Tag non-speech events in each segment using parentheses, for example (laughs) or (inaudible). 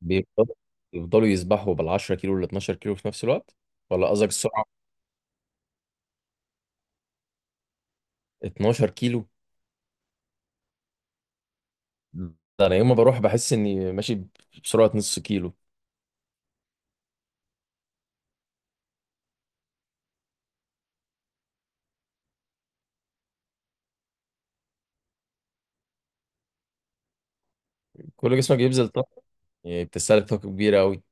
بيفضلوا يفضلوا يسبحوا بال 10 كيلو وال 12 كيلو في نفس الوقت، ولا قصدك السرعه؟ 12 كيلو. ده انا يوم ما بروح بحس اني ماشي بسرعه نص كيلو. كل جسمك بيبذل طاقه، يعني بتستهلك طاقه كبيره قوي.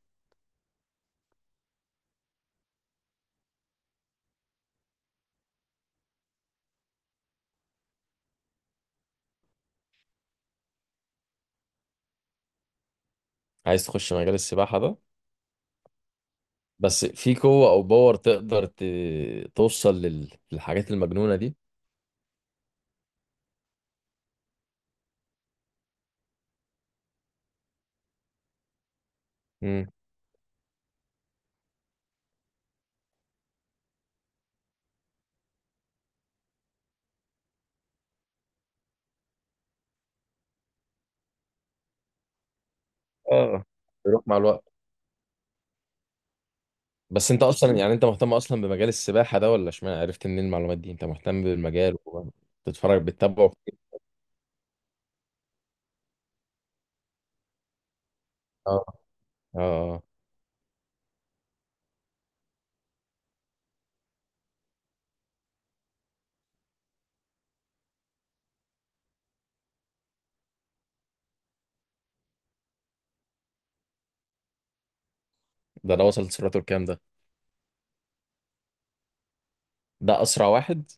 عايز تخش مجال السباحه ده؟ بس في قوه او باور تقدر ت... توصل لل... للحاجات المجنونه دي؟ امم. اه، بيروح مع الوقت. بس انت اصلا يعني انت مهتم اصلا بمجال السباحه ده، ولا اشمعنى عرفت منين المعلومات دي؟ انت مهتم بالمجال وبتتفرج بتتابعه كتير؟ اه. اه. آه. ده وصل لسرعته الكام ده؟ ده اسرع واحد.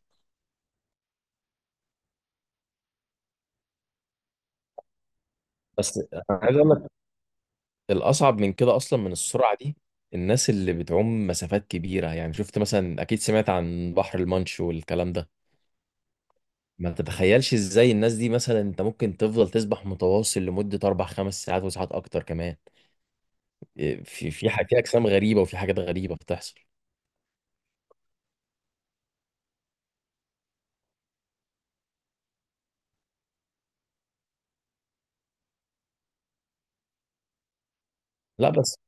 بس انا عايز اقول لك الاصعب من كده اصلا من السرعه دي الناس اللي بتعوم مسافات كبيره. يعني شفت مثلا، اكيد سمعت عن بحر المانش والكلام ده. ما تتخيلش ازاي الناس دي، مثلا انت ممكن تفضل تسبح متواصل لمده اربع خمس ساعات وساعات اكتر كمان. إيه، في اجسام غريبه وفي حاجات غريبه بتحصل. لا بس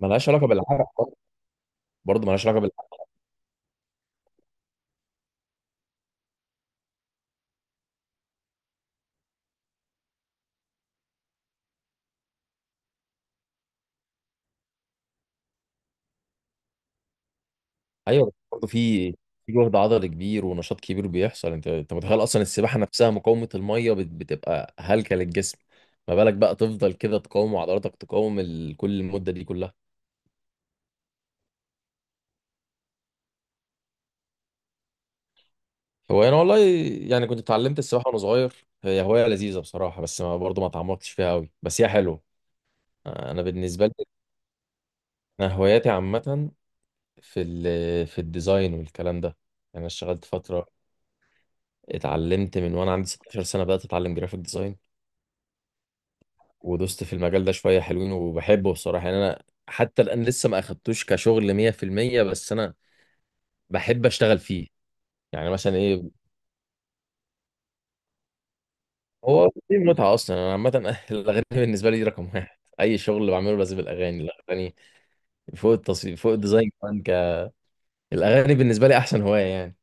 ملهاش علاقه بالعرق برضه. برضه ملهاش علاقه. ايوه، بس برضه في جهد عضلي كبير ونشاط كبير بيحصل. انت متخيل اصلا السباحه نفسها؟ مقاومه الميه بتبقى هلكه للجسم. ما بالك بقى تفضل كده تقاوم عضلاتك، تقاوم كل المده دي كلها. هو انا والله يعني كنت اتعلمت السباحه وانا صغير. هي هوايه لذيذه بصراحه، بس ما برضه ما اتعمقتش فيها قوي، بس هي حلوه. انا بالنسبه لي انا هواياتي عامه. في الديزاين والكلام ده يعني. انا اشتغلت فتره، اتعلمت من وانا عندي 16 سنه، بدات اتعلم جرافيك ديزاين ودوست في المجال ده شوية حلوين، وبحبه بصراحة. يعني أنا حتى الآن لسه ما أخدتوش كشغل 100%، بس أنا بحب أشتغل فيه. يعني مثلا إيه؟ هو في متعة أصلا. أنا عامة (laughs) الأغاني بالنسبة لي دي رقم واحد. أي شغل بعمله لازم الأغاني فوق التصوير، فوق الديزاين كمان الأغاني بالنسبة لي أحسن هواية يعني.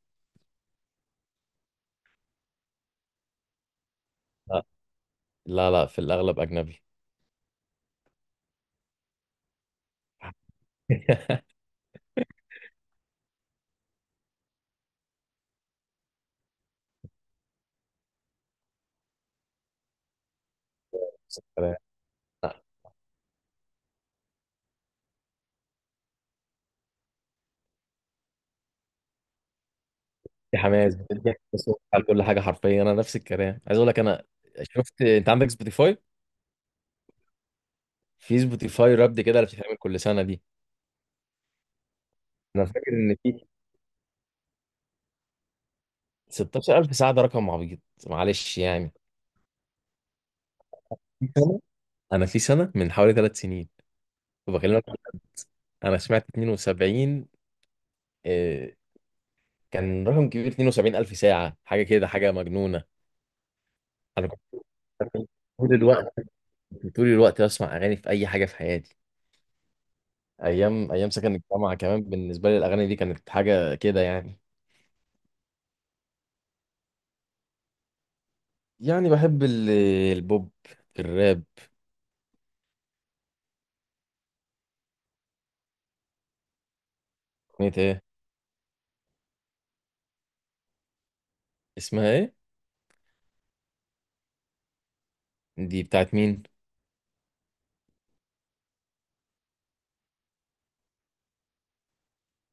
لا، لا، لا، في الأغلب أجنبي. (laughs) نفس الكلام. لا، في حماس بتدي على كل حاجة. حرفيا أنا نفس الكلام عايز أقول لك. أنا شفت أنت عندك سبوتيفاي. في سبوتيفاي رابد كده اللي بتتعمل كل سنه دي. انا فاكر ان في 16000 ساعه. ده رقم عبيط، معلش يعني. في سنة؟ انا في سنه من حوالي ثلاث سنين. وبكلمك، انا سمعت 72. آه، كان رقم كبير. 72000 ساعه. حاجه كده، حاجه مجنونه. انا كنت طول الوقت، طول الوقت بسمع اغاني في اي حاجه في حياتي. ايام ايام سكن الجامعه كمان بالنسبه لي الاغاني دي كانت حاجه كده يعني. يعني بحب البوب الراب. اغنيه ايه؟ اسمها ايه؟ دي بتاعت مين؟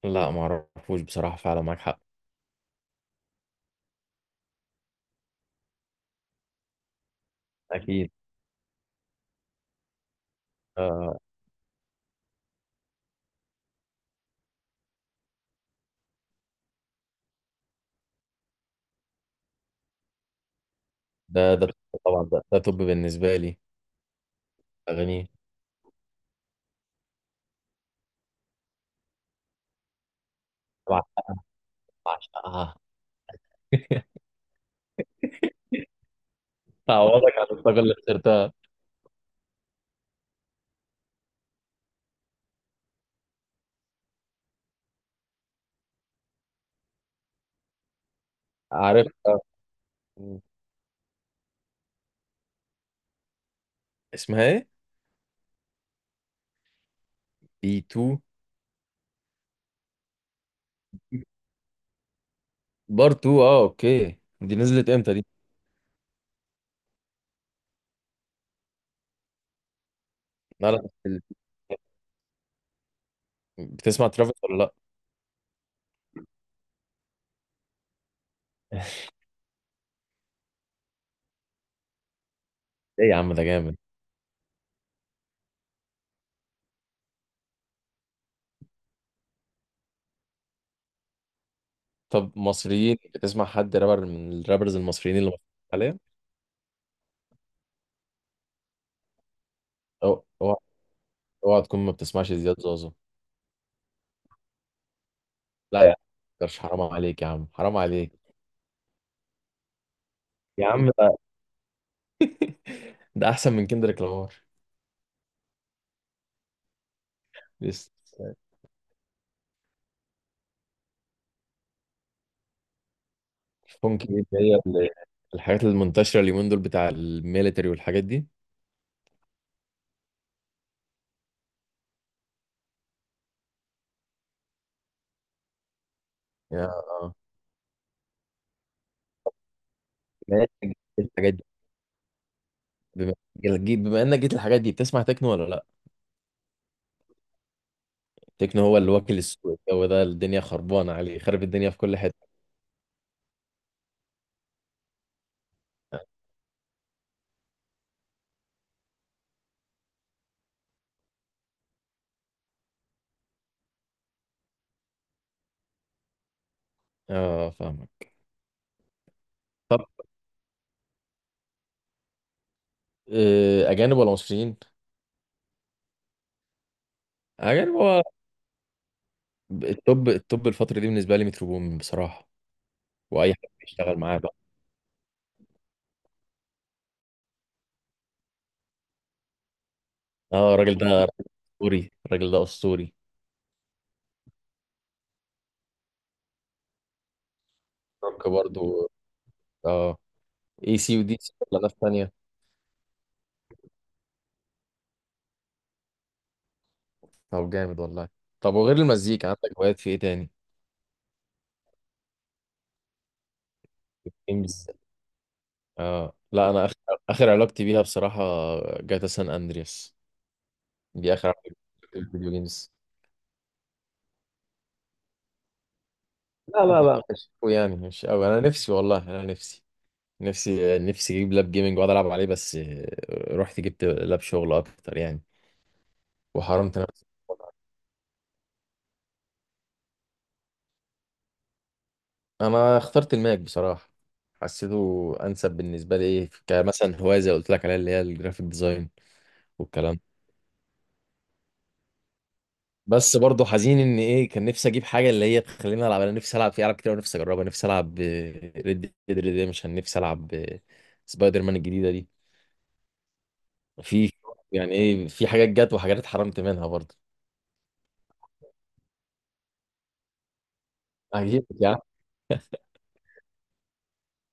لا ما اعرفوش بصراحة. فعلا معاك حق. اكيد. آه. ده طبعا. ده طب بالنسبة لي اغاني. طبعا بعشقها. (laughs) تعوضك عن الطاقة اللي خسرتها. عارف؟ آه، اسمها ايه؟ بي 2. بار 2. اه اوكي، دي نزلت امتى دي؟ لا، لا، بتسمع ترافيس ولا لا؟ (laughs) ايه يا عم ده جامد. طب مصريين، بتسمع حد رابر من الرابرز المصريين اللي مصريين حاليا؟ اوعى اوعى تكون ما بتسمعش زياد زوزو. لا يا عم، متقدرش، حرام عليك يا عم، حرام عليك. يا عم، ده احسن من كندريك لامار. لسه. فونكي دي اللي هي الحاجات المنتشره اليومين دول، بتاع الميليتري والحاجات دي. يا آه. بما إنك جيت الحاجات دي، بما بما انك جيت الحاجات دي، بتسمع تكنو ولا لا؟ تكنو هو اللي واكل السوق. هو ده، الدنيا خربانه عليه، خرب الدنيا في كل حته. اه فاهمك. طب آه، اجانب ولا مصريين؟ اجانب. هو التوب التوب الفتره دي بالنسبه لي مترو بومين بصراحه، واي حد بيشتغل معاه بقى. اه الراجل ده اسطوري، الراجل ده اسطوري. روك برضه. آه. اي سي ودي سي ولا ناس تانية؟ طب جامد والله. طب وغير المزيكا عندك هوايات في ايه تاني؟ جيمز. اه لا، انا اخر اخر علاقتي بيها بصراحة جاتا سان اندرياس. دي اخر علاقتي بيها في الفيديو جيمز. لا لا لا مش أوي يعني، مش قوي. انا نفسي والله، انا نفسي نفسي نفسي اجيب لاب جيمنج واقعد العب عليه، بس آه، رحت جبت لاب شغل اكتر يعني. وحرمت نفسي. انا اخترت الماك بصراحة، حسيته انسب بالنسبة لي. إيه، كمثلا هواية زي اللي قلت لك عليها اللي هي الجرافيك ديزاين والكلام. بس برضه حزين ان ايه كان نفسي اجيب حاجه اللي هي تخليني العب. انا نفسي العب في العاب كتير ونفسي اجربها. نفسي العب ريد ديد ريديمشن، نفسي العب سبايدر مان الجديده دي. في، يعني ايه في حاجات جت وحاجات اتحرمت منها برضه. هجيبك يا عم.